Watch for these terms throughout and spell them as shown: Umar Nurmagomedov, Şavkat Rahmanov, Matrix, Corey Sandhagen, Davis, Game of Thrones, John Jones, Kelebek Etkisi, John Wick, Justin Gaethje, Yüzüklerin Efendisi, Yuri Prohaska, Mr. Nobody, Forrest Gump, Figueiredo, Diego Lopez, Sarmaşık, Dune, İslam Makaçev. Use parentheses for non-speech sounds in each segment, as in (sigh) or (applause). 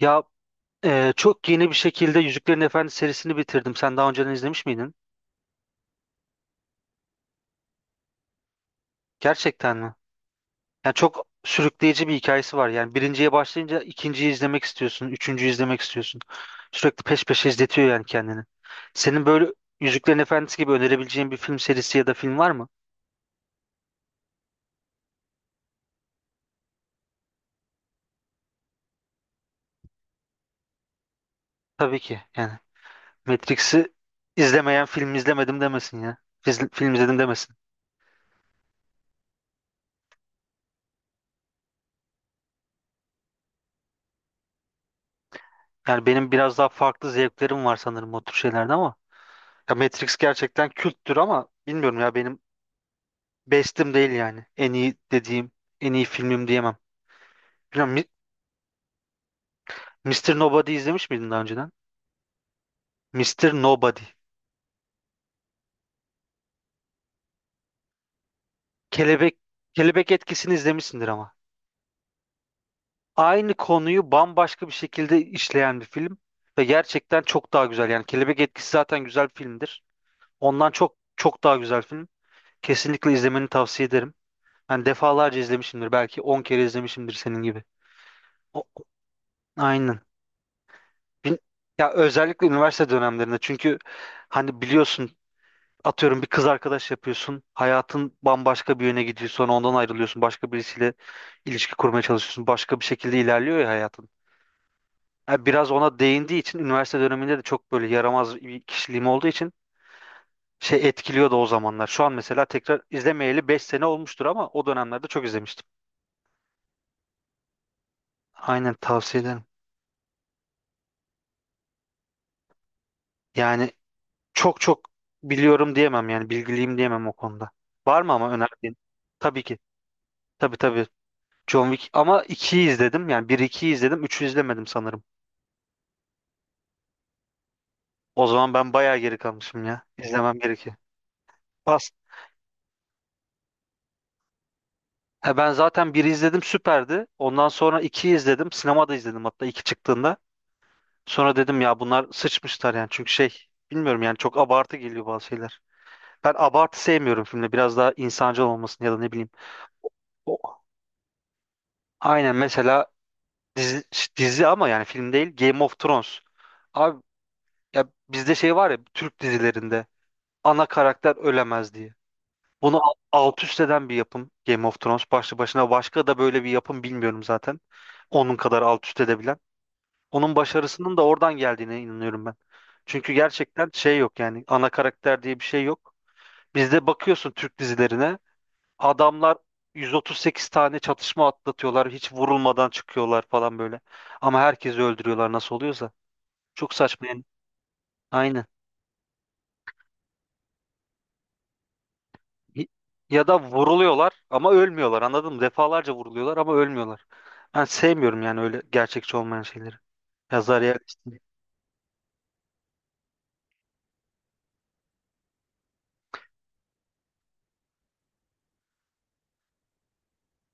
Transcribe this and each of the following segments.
Ya çok yeni bir şekilde Yüzüklerin Efendisi serisini bitirdim. Sen daha önceden izlemiş miydin? Gerçekten mi? Yani çok sürükleyici bir hikayesi var. Yani birinciye başlayınca ikinciyi izlemek istiyorsun, üçüncüyü izlemek istiyorsun. Sürekli peş peşe izletiyor yani kendini. Senin böyle Yüzüklerin Efendisi gibi önerebileceğin bir film serisi ya da film var mı? Tabii ki. Yani Matrix'i izlemeyen film izlemedim demesin ya. Film izledim demesin. Yani benim biraz daha farklı zevklerim var sanırım o tür şeylerde ama ya Matrix gerçekten külttür ama bilmiyorum ya benim bestim değil yani. En iyi dediğim, en iyi filmim diyemem. Bilmiyorum, Mr. Nobody izlemiş miydin daha önceden? Mr. Nobody. Kelebek Kelebek Etkisi'ni izlemişsindir ama. Aynı konuyu bambaşka bir şekilde işleyen bir film ve gerçekten çok daha güzel. Yani Kelebek Etkisi zaten güzel bir filmdir. Ondan çok çok daha güzel film. Kesinlikle izlemeni tavsiye ederim. Ben defalarca izlemişimdir. Belki 10 kere izlemişimdir senin gibi. O, aynen. Bin- Ya özellikle üniversite dönemlerinde çünkü hani biliyorsun atıyorum bir kız arkadaş yapıyorsun. Hayatın bambaşka bir yöne gidiyor. Sonra ondan ayrılıyorsun. Başka birisiyle ilişki kurmaya çalışıyorsun. Başka bir şekilde ilerliyor ya hayatın. Ha, biraz ona değindiği için üniversite döneminde de çok böyle yaramaz bir kişiliğim olduğu için şey etkiliyordu o zamanlar. Şu an mesela tekrar izlemeyeli 5 sene olmuştur ama o dönemlerde çok izlemiştim. Aynen tavsiye ederim. Yani çok çok biliyorum diyemem yani bilgiliyim diyemem o konuda. Var mı ama önerdiğin? Tabii ki. Tabii tabii. John Wick ama 2'yi izledim. Yani bir 2'yi izledim. 3'ü izlemedim sanırım. O zaman ben bayağı geri kalmışım ya. İzlemem gerekiyor. Pas. Ha, ben zaten 1'i izledim, süperdi. Ondan sonra 2'yi izledim. Sinemada izledim hatta 2 çıktığında. Sonra dedim ya bunlar sıçmışlar yani. Çünkü şey, bilmiyorum yani çok abartı geliyor bazı şeyler. Ben abartı sevmiyorum filmde. Biraz daha insancıl olmasını ya da ne bileyim. O- Aynen mesela dizi, dizi ama yani film değil, Game of Thrones. Abi ya bizde şey var ya Türk dizilerinde, ana karakter ölemez diye. Bunu alt üst eden bir yapım Game of Thrones başlı başına. Başka da böyle bir yapım bilmiyorum zaten. Onun kadar alt üst edebilen. Onun başarısının da oradan geldiğine inanıyorum ben. Çünkü gerçekten şey yok yani, ana karakter diye bir şey yok. Bizde bakıyorsun Türk dizilerine, adamlar 138 tane çatışma atlatıyorlar, hiç vurulmadan çıkıyorlar falan böyle. Ama herkesi öldürüyorlar nasıl oluyorsa. Çok saçma yani. Aynen. Ya da vuruluyorlar ama ölmüyorlar, anladın mı? Defalarca vuruluyorlar ama ölmüyorlar. Ben sevmiyorum yani öyle gerçekçi olmayan şeyleri. Yazar yer.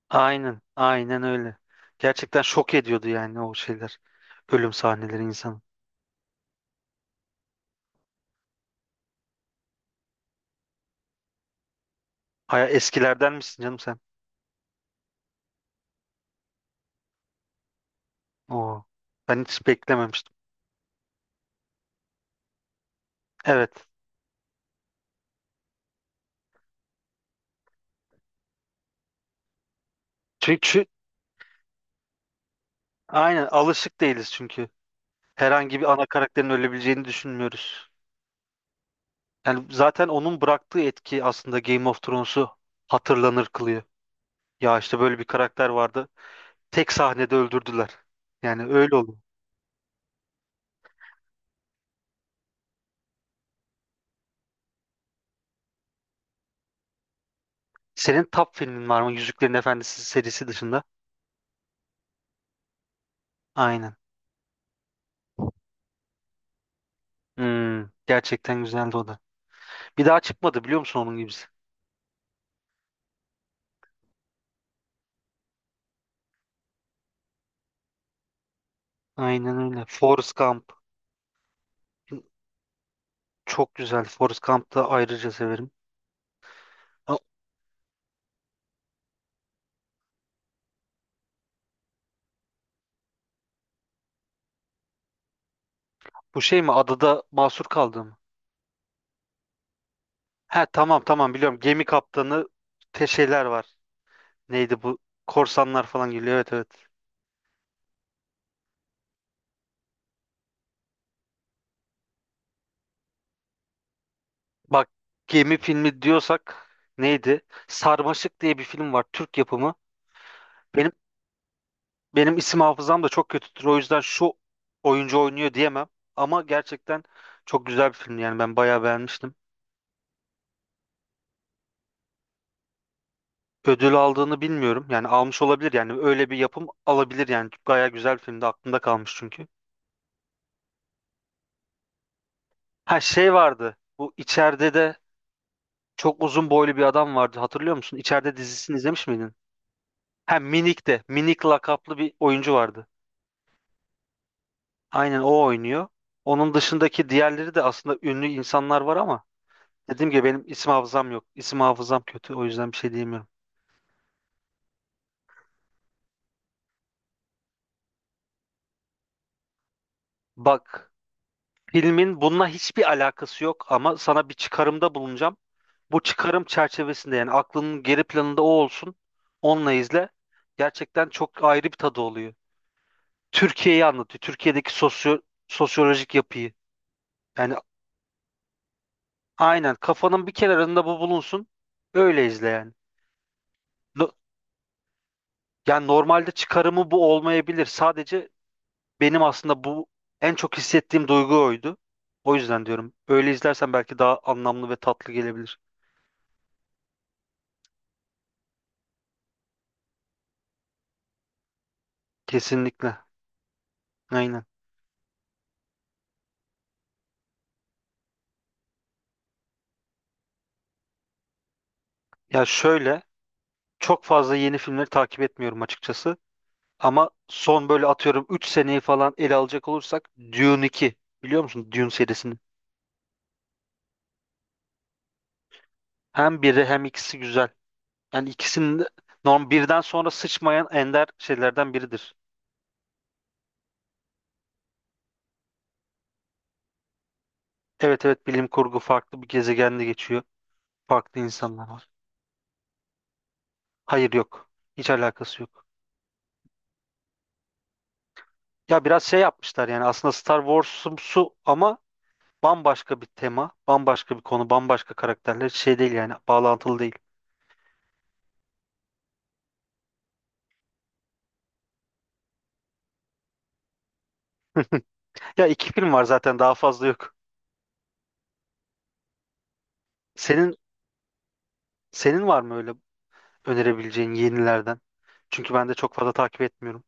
Aynen, aynen öyle. Gerçekten şok ediyordu yani o şeyler. Ölüm sahneleri insanı. Aya, eskilerden misin canım sen? Oo. Ben hiç beklememiştim. Evet. Çünkü aynen alışık değiliz çünkü. Herhangi bir ana karakterin ölebileceğini düşünmüyoruz. Yani zaten onun bıraktığı etki aslında Game of Thrones'u hatırlanır kılıyor. Ya işte böyle bir karakter vardı. Tek sahnede öldürdüler. Yani öyle oldu. Senin top filmin var mı Yüzüklerin Efendisi serisi dışında? Aynen. Hmm, gerçekten güzeldi o da. Bir daha çıkmadı biliyor musun onun gibisi? Aynen öyle. Forrest Gump. Çok güzel. Forrest Gump'ı da ayrıca severim. Ha, bu şey mi? Adada mahsur kaldı mı? He, tamam tamam biliyorum. Gemi kaptanı, te şeyler var. Neydi bu? Korsanlar falan geliyor. Evet, evet. Bak, gemi filmi diyorsak neydi? Sarmaşık diye bir film var, Türk yapımı. Benim benim isim hafızam da çok kötüdür. O yüzden şu oyuncu oynuyor diyemem. Ama gerçekten çok güzel bir film yani, ben bayağı beğenmiştim. Ödül aldığını bilmiyorum. Yani almış olabilir yani, öyle bir yapım alabilir yani. Gayet güzel bir filmdi, aklımda kalmış çünkü. Ha şey vardı. Bu, içeride de çok uzun boylu bir adam vardı, hatırlıyor musun? İçeride dizisini izlemiş miydin? Ha, Minik de Minik lakaplı bir oyuncu vardı. Aynen o oynuyor. Onun dışındaki diğerleri de aslında ünlü insanlar var ama dediğim gibi benim isim hafızam yok. İsim hafızam kötü, o yüzden bir şey diyemiyorum. Bak, filmin bununla hiçbir alakası yok ama sana bir çıkarımda bulunacağım. Bu çıkarım çerçevesinde yani aklının geri planında o olsun. Onunla izle. Gerçekten çok ayrı bir tadı oluyor. Türkiye'yi anlatıyor. Türkiye'deki sosyolojik yapıyı. Yani aynen, kafanın bir kenarında bu bulunsun. Öyle izle yani. No- Yani normalde çıkarımı bu olmayabilir. Sadece benim aslında bu en çok hissettiğim duygu oydu. O yüzden diyorum. Öyle izlersen belki daha anlamlı ve tatlı gelebilir. Kesinlikle. Aynen. Ya şöyle, çok fazla yeni filmleri takip etmiyorum açıkçası. Ama son böyle, atıyorum 3 seneyi falan ele alacak olursak, Dune 2. Biliyor musun Dune serisini? Hem biri hem ikisi güzel. Yani ikisinin de norm birden sonra sıçmayan ender şeylerden biridir. Evet evet, bilim kurgu, farklı bir gezegende geçiyor. Farklı insanlar var. Hayır, yok. Hiç alakası yok. Ya biraz şey yapmışlar yani aslında Star Wars'umsu ama bambaşka bir tema, bambaşka bir konu, bambaşka karakterler, şey değil yani, bağlantılı değil. Ya iki film var zaten, daha fazla yok. Senin senin var mı öyle önerebileceğin yenilerden? Çünkü ben de çok fazla takip etmiyorum.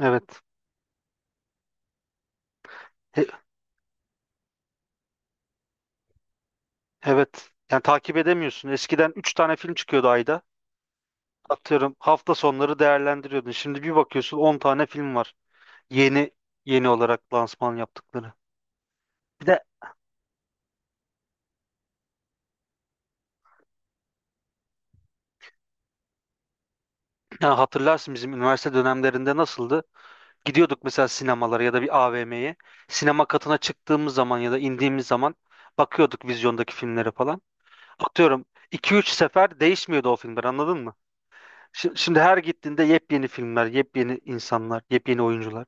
Evet. E- evet. Yani takip edemiyorsun. Eskiden 3 tane film çıkıyordu ayda. Atıyorum hafta sonları değerlendiriyordun. Şimdi bir bakıyorsun, 10 tane film var. Yeni yeni olarak lansman yaptıkları. Bir de (clears throat) ya, hatırlarsın bizim üniversite dönemlerinde nasıldı? Gidiyorduk mesela sinemalara ya da bir AVM'ye. Sinema katına çıktığımız zaman ya da indiğimiz zaman bakıyorduk vizyondaki filmlere falan. Atıyorum 2 üç sefer değişmiyordu o filmler, anladın mı? Şimdi, her gittiğinde yepyeni filmler, yepyeni insanlar, yepyeni oyuncular.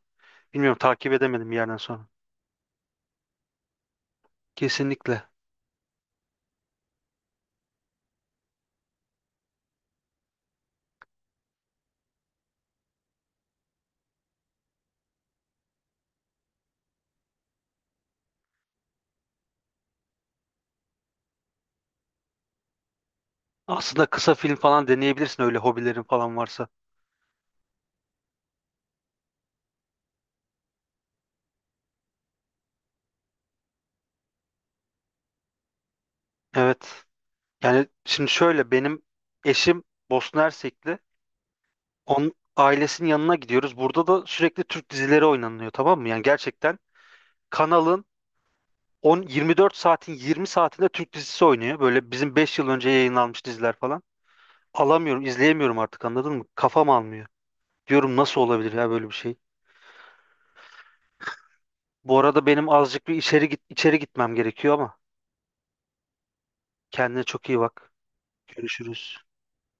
Bilmiyorum, takip edemedim bir yerden sonra. Kesinlikle. Aslında kısa film falan deneyebilirsin öyle hobilerin falan varsa. Evet. Yani şimdi şöyle, benim eşim Bosna Hersekli. Onun ailesinin yanına gidiyoruz. Burada da sürekli Türk dizileri oynanıyor, tamam mı? Yani gerçekten kanalın 10, 24 saatin 20 saatinde Türk dizisi oynuyor. Böyle bizim 5 yıl önce yayınlanmış diziler falan. Alamıyorum, izleyemiyorum artık, anladın mı? Kafam almıyor. Diyorum nasıl olabilir ya böyle bir şey? Bu arada benim azıcık bir içeri gitmem gerekiyor ama kendine çok iyi bak. Görüşürüz.